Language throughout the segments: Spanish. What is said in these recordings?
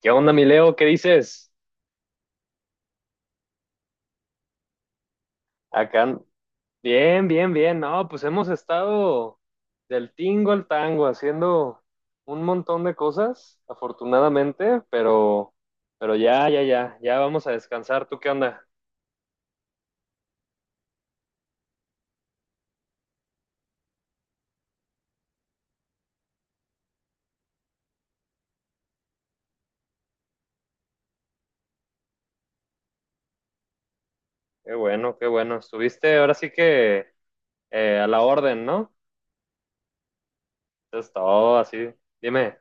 ¿Qué onda, mi Leo? ¿Qué dices? Acá, bien, bien, bien. No, pues hemos estado del tingo al tango haciendo un montón de cosas, afortunadamente, pero ya, ya, ya, ya vamos a descansar. ¿Tú qué onda? Qué bueno, qué bueno. Estuviste ahora sí que a la orden, ¿no? Entonces todo así. Dime.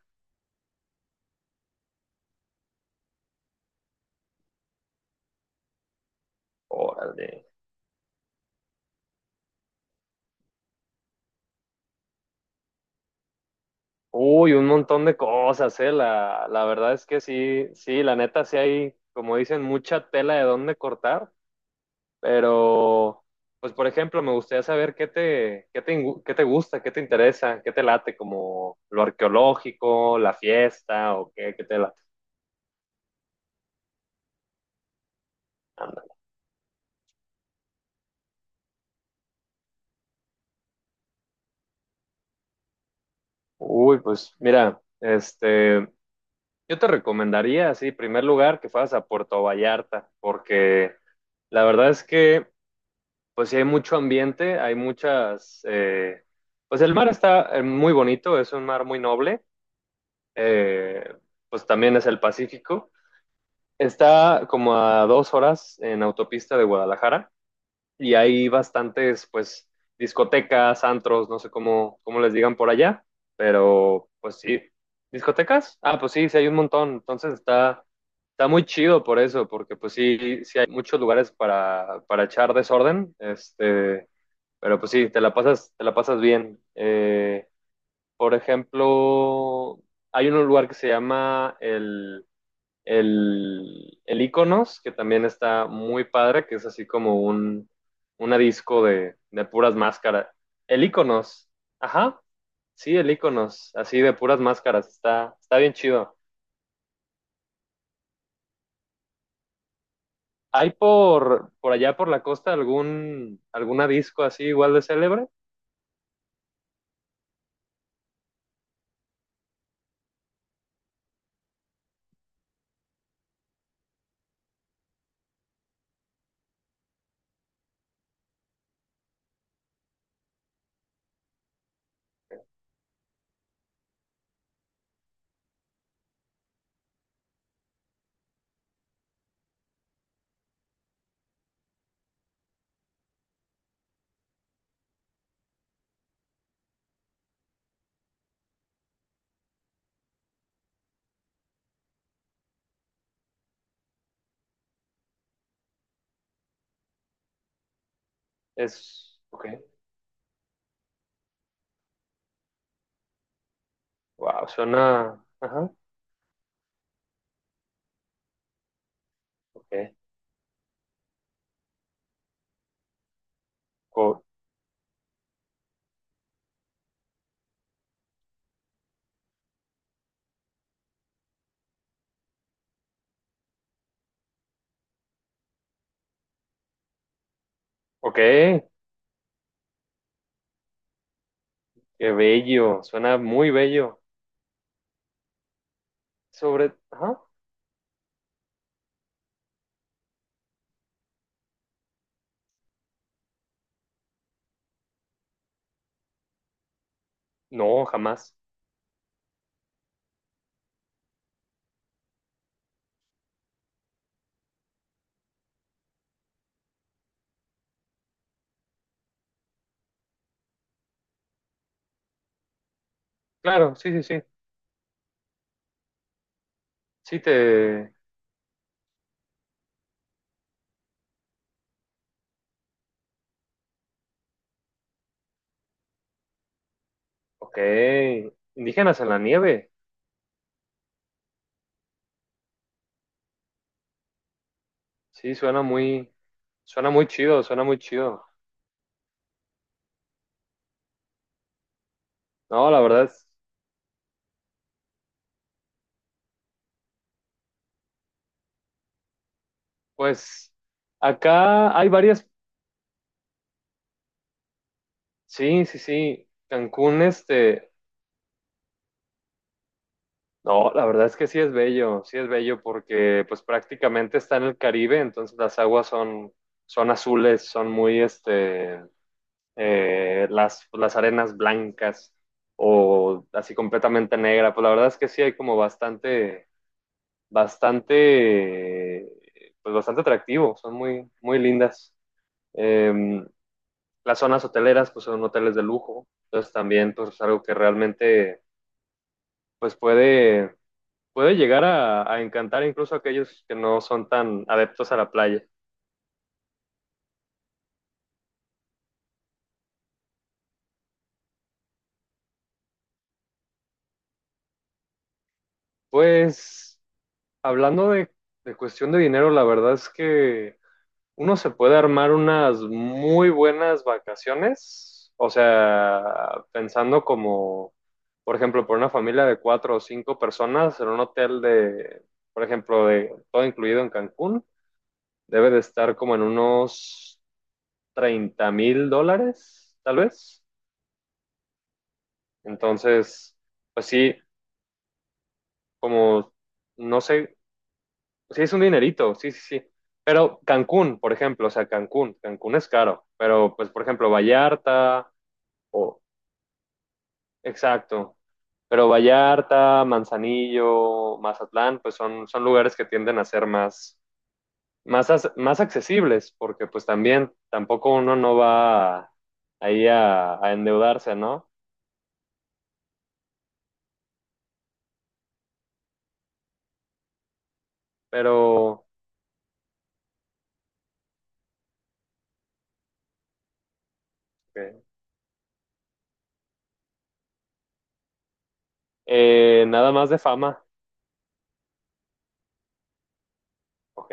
Órale. Uy, un montón de cosas, ¿eh? La verdad es que sí, sí, la neta sí hay, como dicen, mucha tela de dónde cortar. Pero, pues por ejemplo, me gustaría saber qué te gusta, qué te interesa, qué te late, como lo arqueológico, la fiesta o qué, qué te late. Anda. Uy, pues mira, yo te recomendaría, sí, en primer lugar, que fueras a Puerto Vallarta, porque la verdad es que, pues sí hay mucho ambiente, hay muchas, pues el mar está muy bonito, es un mar muy noble, eh, pues también es el Pacífico. Está como a 2 horas en autopista de Guadalajara y hay bastantes, pues, discotecas, antros, no sé cómo les digan por allá, pero pues sí. ¿Discotecas? Ah, pues sí, sí hay un montón. Entonces está muy chido por eso, porque pues sí, sí hay muchos lugares para echar desorden, pero pues sí, te la pasas bien. Por ejemplo, hay un lugar que se llama el Iconos, que también está muy padre, que es así como un una disco de puras máscaras. El Iconos, ajá, sí, el Iconos, así de puras máscaras, está bien chido. ¿Hay por allá por la costa algún alguna disco así igual de célebre? Ok, wow, suena, ajá, ok, co- ok, qué bello, suena muy bello. Ajá, no, jamás. Claro, sí, sí, sí, sí te, ok. Indígenas en la nieve. Sí, suena muy chido, suena muy chido. No, la verdad, pues acá hay varias. Sí, sí, sí. Cancún, no, la verdad es que sí es bello porque pues prácticamente está en el Caribe, entonces las aguas son azules, son muy, las arenas blancas o así completamente negra. Pues la verdad es que sí hay como bastante, pues bastante atractivo, son muy, muy lindas. Eh, las zonas hoteleras, pues son hoteles de lujo, entonces también pues, es algo que realmente pues puede llegar a encantar incluso a aquellos que no son tan adeptos a la playa. Pues hablando de cuestión de dinero, la verdad es que uno se puede armar unas muy buenas vacaciones, o sea, pensando como, por ejemplo, por una familia de cuatro o cinco personas en un hotel de, por ejemplo, de todo incluido en Cancún, debe de estar como en unos $30,000, tal vez. Entonces, pues sí, como, no sé, sí es un dinerito, sí, sí, sí. Pero Cancún, por ejemplo, o sea, Cancún es caro, pero pues, por ejemplo, Vallarta. Exacto. Pero Vallarta, Manzanillo, Mazatlán, pues son, son lugares que tienden a ser más accesibles, porque pues también tampoco uno no va ahí a endeudarse, ¿no? Pero ok. Nada más de fama. Ok,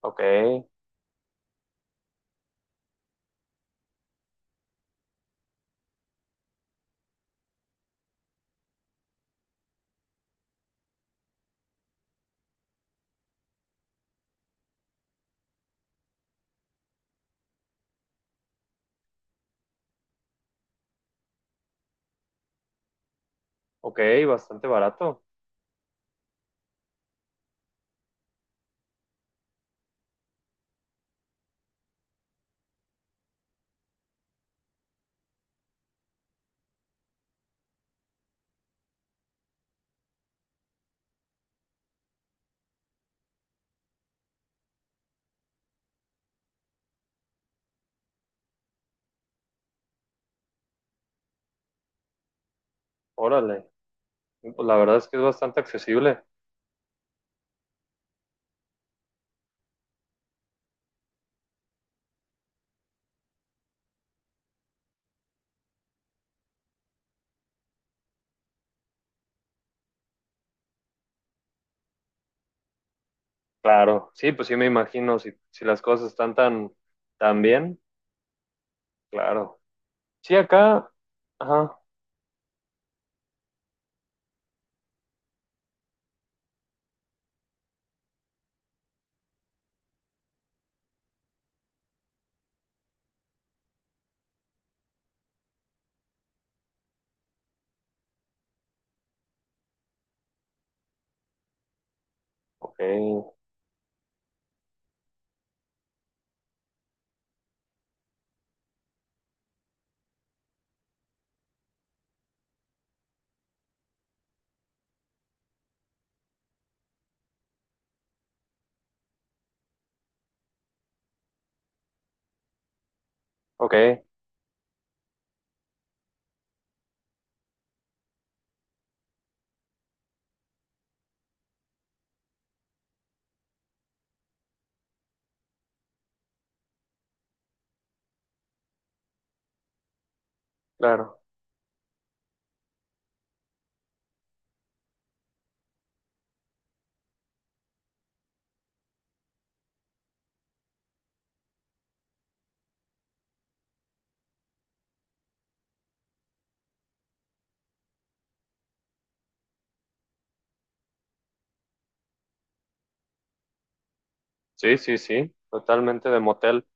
ok, ok, bastante barato. Órale, pues la verdad es que es bastante accesible. Claro, sí, pues sí me imagino, si las cosas están tan, tan bien, claro. Sí, acá, ajá. Ok, ok, claro. Sí, sí, sí, totalmente de motel.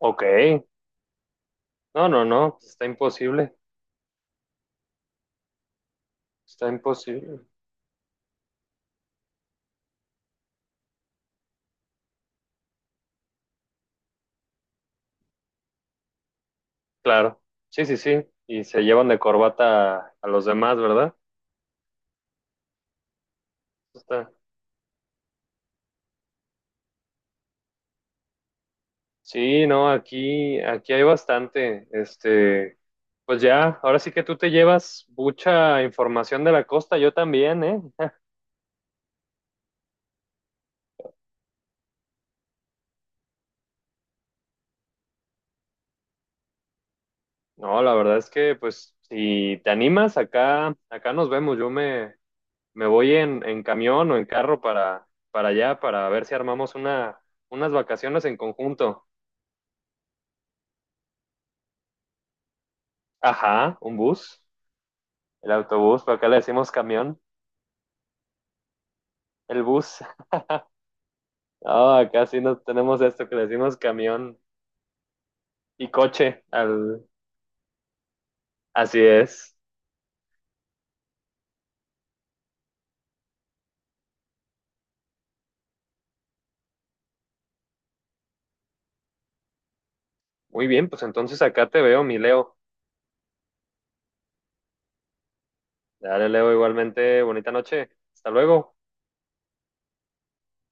Ok, no, no, no, está imposible, está imposible. Claro, sí, sí, sí. Y se llevan de corbata a los demás, ¿verdad? Está. Sí, no, aquí hay bastante. Pues ya, ahora sí que tú te llevas mucha información de la costa, yo también, ¿eh? No, la verdad es que, pues, si te animas, acá nos vemos. Yo me voy en camión o en carro para allá para ver si armamos unas vacaciones en conjunto. Ajá, un bus, el autobús, pero acá le decimos camión, el bus. Ah, acá sí no tenemos esto que le decimos camión y coche. Al... Así es. Muy bien, pues entonces acá te veo, mi Leo. Dale, Leo, igualmente, bonita noche. Hasta luego.